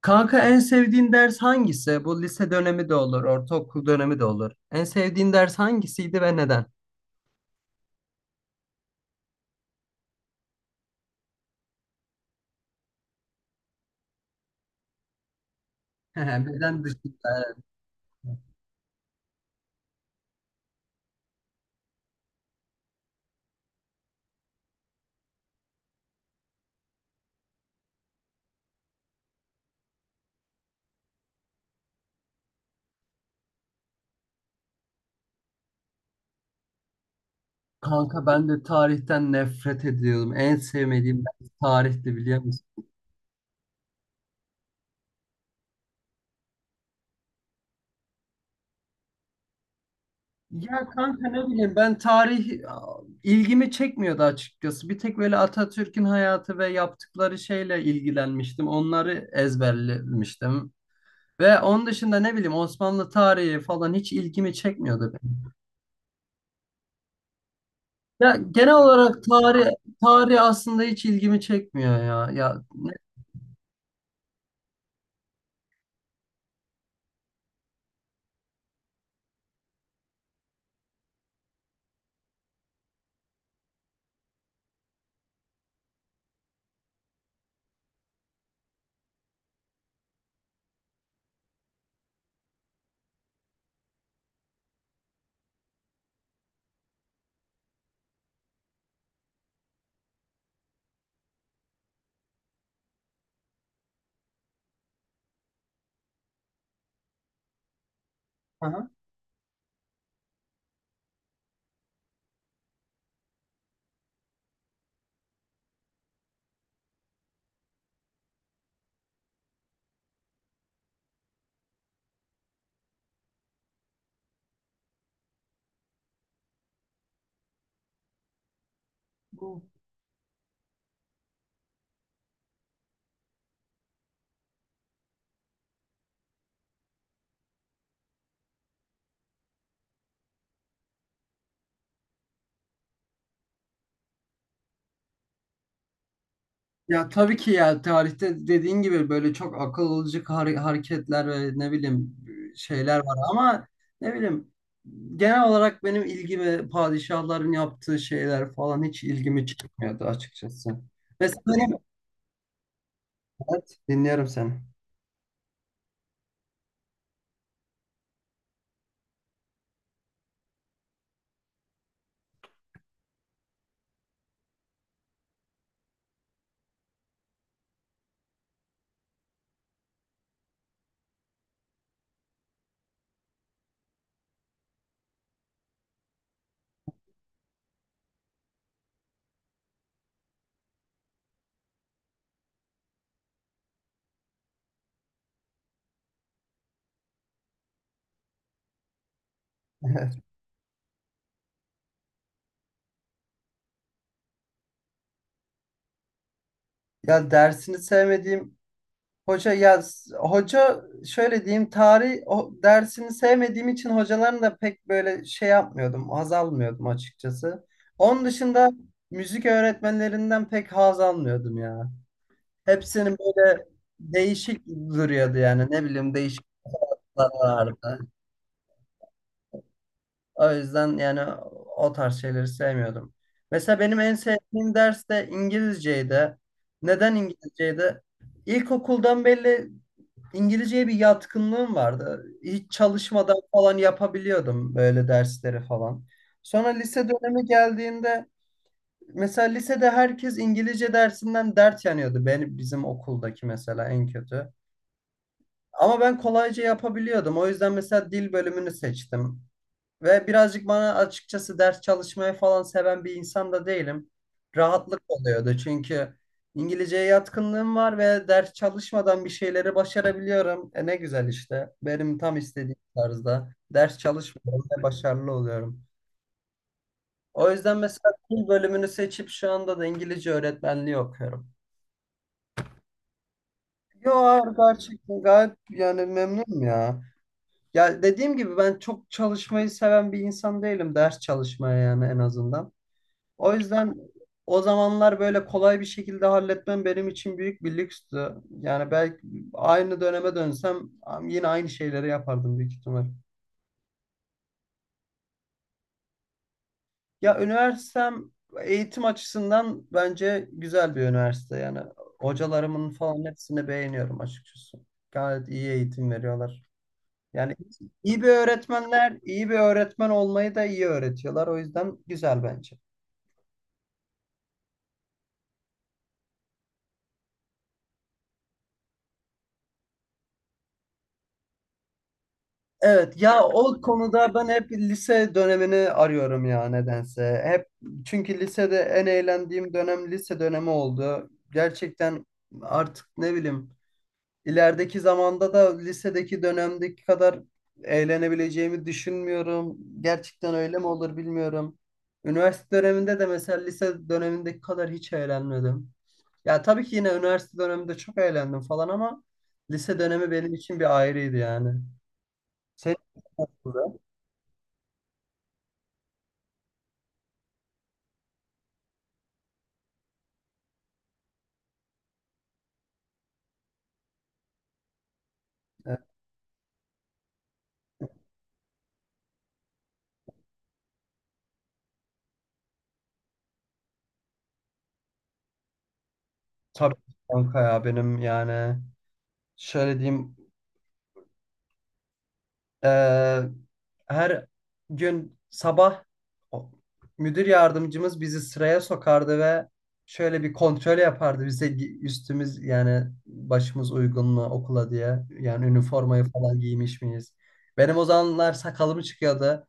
Kanka, en sevdiğin ders hangisi? Bu lise dönemi de olur, ortaokul dönemi de olur. En sevdiğin ders hangisiydi ve neden? Hehe, beden dışında. Evet. Kanka, ben de tarihten nefret ediyordum. En sevmediğim ders tarihti, biliyor musun? Ya kanka, ne bileyim, ben tarih, ilgimi çekmiyordu açıkçası. Bir tek böyle Atatürk'ün hayatı ve yaptıkları şeyle ilgilenmiştim. Onları ezberlemiştim. Ve onun dışında ne bileyim, Osmanlı tarihi falan hiç ilgimi çekmiyordu. Ya genel olarak tarih aslında hiç ilgimi çekmiyor ya. Aha. bu- Ya tabii ki, ya tarihte dediğin gibi böyle çok akıl alıcı hareketler ve ne bileyim şeyler var ama ne bileyim, genel olarak benim ilgimi padişahların yaptığı şeyler falan hiç ilgimi çekmiyordu açıkçası. Mesela benim. Evet, dinliyorum seni. Ya dersini sevmediğim hoca. Hoca şöyle diyeyim, tarih o dersini sevmediğim için hocaların da pek böyle şey yapmıyordum, haz almıyordum açıkçası. Onun dışında müzik öğretmenlerinden pek haz almıyordum ya. Hepsinin böyle değişik duruyordu, yani ne bileyim değişik tarzları vardı. O yüzden yani o tarz şeyleri sevmiyordum. Mesela benim en sevdiğim ders de İngilizceydi. Neden İngilizceydi? İlkokuldan belli İngilizceye bir yatkınlığım vardı. Hiç çalışmadan falan yapabiliyordum böyle dersleri falan. Sonra lise dönemi geldiğinde mesela lisede herkes İngilizce dersinden dert yanıyordu. Benim bizim okuldaki mesela en kötü. Ama ben kolayca yapabiliyordum. O yüzden mesela dil bölümünü seçtim. Ve birazcık bana açıkçası, ders çalışmayı falan seven bir insan da değilim. Rahatlık oluyordu çünkü İngilizceye yatkınlığım var ve ders çalışmadan bir şeyleri başarabiliyorum. E ne güzel işte. Benim tam istediğim tarzda. Ders çalışmadan ve başarılı oluyorum. O yüzden mesela dil bölümünü seçip şu anda da İngilizce öğretmenliği okuyorum. Yo, gerçekten gayet yani memnunum ya. Ya dediğim gibi ben çok çalışmayı seven bir insan değilim. Ders çalışmaya yani, en azından. O yüzden o zamanlar böyle kolay bir şekilde halletmem benim için büyük bir lükstü. Yani belki aynı döneme dönsem yine aynı şeyleri yapardım büyük ihtimal. Ya üniversitem eğitim açısından bence güzel bir üniversite. Yani hocalarımın falan hepsini beğeniyorum açıkçası. Gayet iyi eğitim veriyorlar. Yani iyi bir öğretmenler, iyi bir öğretmen olmayı da iyi öğretiyorlar. O yüzden güzel bence. Evet ya, o konuda ben hep lise dönemini arıyorum ya nedense. Hep çünkü lisede en eğlendiğim dönem lise dönemi oldu. Gerçekten artık ne bileyim, ilerideki zamanda da lisedeki dönemdeki kadar eğlenebileceğimi düşünmüyorum. Gerçekten öyle mi olur bilmiyorum. Üniversite döneminde de mesela lise dönemindeki kadar hiç eğlenmedim. Ya tabii ki yine üniversite döneminde çok eğlendim falan ama lise dönemi benim için bir ayrıydı yani. Senin nasıldı? E, Tabii kanka, ya benim yani şöyle diyeyim, e, her gün sabah o- müdür yardımcımız bizi sıraya sokardı ve şöyle bir kontrol yapardı bize, üstümüz yani başımız uygun mu okula diye, yani üniformayı falan giymiş miyiz? Benim o zamanlar sakalım çıkıyordu.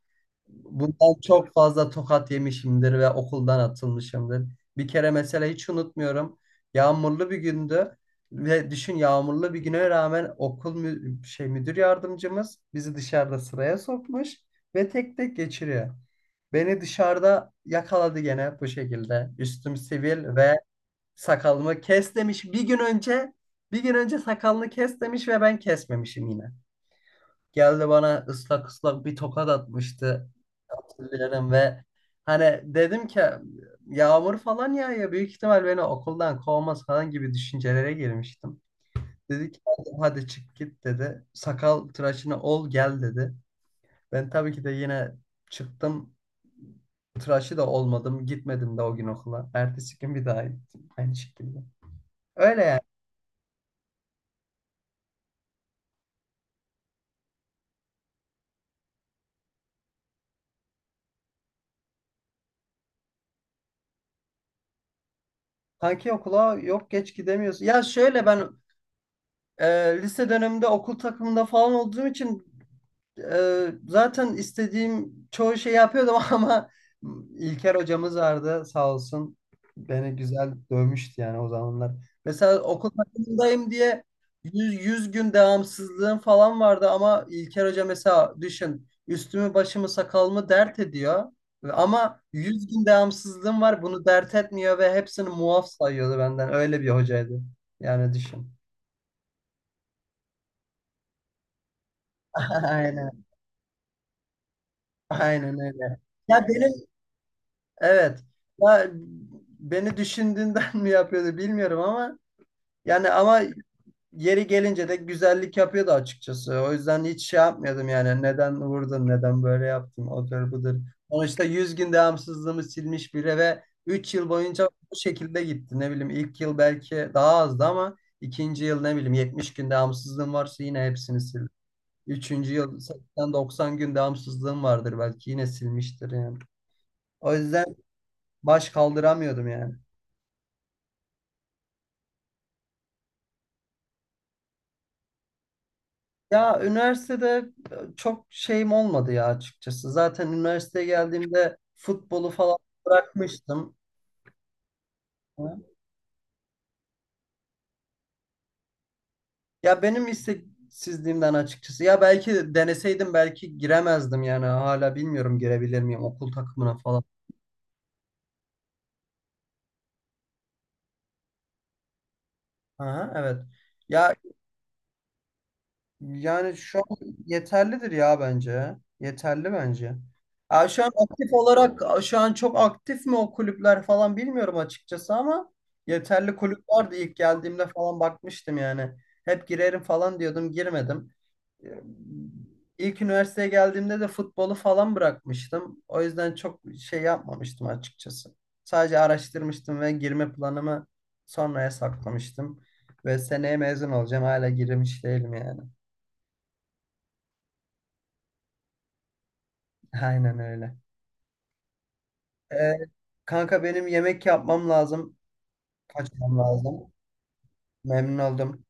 Bundan çok fazla tokat yemişimdir ve okuldan atılmışımdır. Bir kere mesela hiç unutmuyorum. Yağmurlu bir gündü. Ve düşün, yağmurlu bir güne rağmen okul mü şey müdür yardımcımız bizi dışarıda sıraya sokmuş ve tek tek geçiriyor. Beni dışarıda yakaladı gene bu şekilde. Üstüm sivil ve sakalımı kes demiş. Bir gün önce sakalını kes demiş ve ben kesmemişim yine. Geldi bana ıslak ıslak bir tokat atmıştı. Hatırlıyorum ve hani dedim ki yağmur falan yağıyor, büyük ihtimal beni okuldan kovmaz falan gibi düşüncelere girmiştim. Dedi ki hadi, hadi çık git dedi. Sakal tıraşını ol gel dedi. Ben tabii ki de yine çıktım. Tıraşı da olmadım. Gitmedim de o gün okula. Ertesi gün bir daha gittim. Aynı şekilde. Öyle yani. Kanki okula yok, geç gidemiyorsun. Ya şöyle, ben e, lise döneminde okul takımında falan olduğum için zaten istediğim çoğu şeyi yapıyordum ama İlker hocamız vardı sağ olsun. Beni güzel dövmüştü yani o zamanlar. Mesela okul takımındayım diye yüz gün devamsızlığım falan vardı ama İlker hoca mesela düşün, üstümü başımı sakalımı dert ediyor. Ama 100 gün devamsızlığım var, bunu dert etmiyor ve hepsini muaf sayıyordu benden. Öyle bir hocaydı. Yani düşün. Aynen. Aynen öyle. Ya benim. Evet. Ya, beni düşündüğünden mi yapıyordu bilmiyorum ama yani, ama yeri gelince de güzellik yapıyordu açıkçası. O yüzden hiç şey yapmıyordum yani. Neden vurdun? Neden böyle yaptın? Odur budur. Sonuçta 100 gün devamsızlığımı silmiş biri ve 3 yıl boyunca bu şekilde gitti. Ne bileyim ilk yıl belki daha azdı ama ikinci yıl ne bileyim 70 gün devamsızlığım varsa yine hepsini sildi. Üçüncü yıl 80-90 gün devamsızlığım vardır belki yine silmiştir yani. O yüzden baş kaldıramıyordum yani. Ya üniversitede çok şeyim olmadı ya açıkçası. Zaten üniversiteye geldiğimde futbolu falan bırakmıştım. Ya benim isteksizliğimden açıkçası. Ya belki deneseydim belki giremezdim yani. Hala bilmiyorum girebilir miyim okul takımına falan. Aha, evet. Ya, yani şu an yeterlidir ya bence. Yeterli bence. Ya şu an aktif olarak, şu an çok aktif mi o kulüpler falan bilmiyorum açıkçası ama yeterli kulüp vardı, ilk geldiğimde falan bakmıştım yani. Hep girerim falan diyordum, girmedim. Ee, İlk üniversiteye geldiğimde de futbolu falan bırakmıştım. O yüzden çok şey yapmamıştım açıkçası. Sadece araştırmıştım ve girme planımı sonraya saklamıştım. Ve seneye mezun olacağım. Hala girmiş değilim yani. Aynen öyle. Ee, kanka benim yemek yapmam lazım. Kaçmam lazım. Memnun oldum.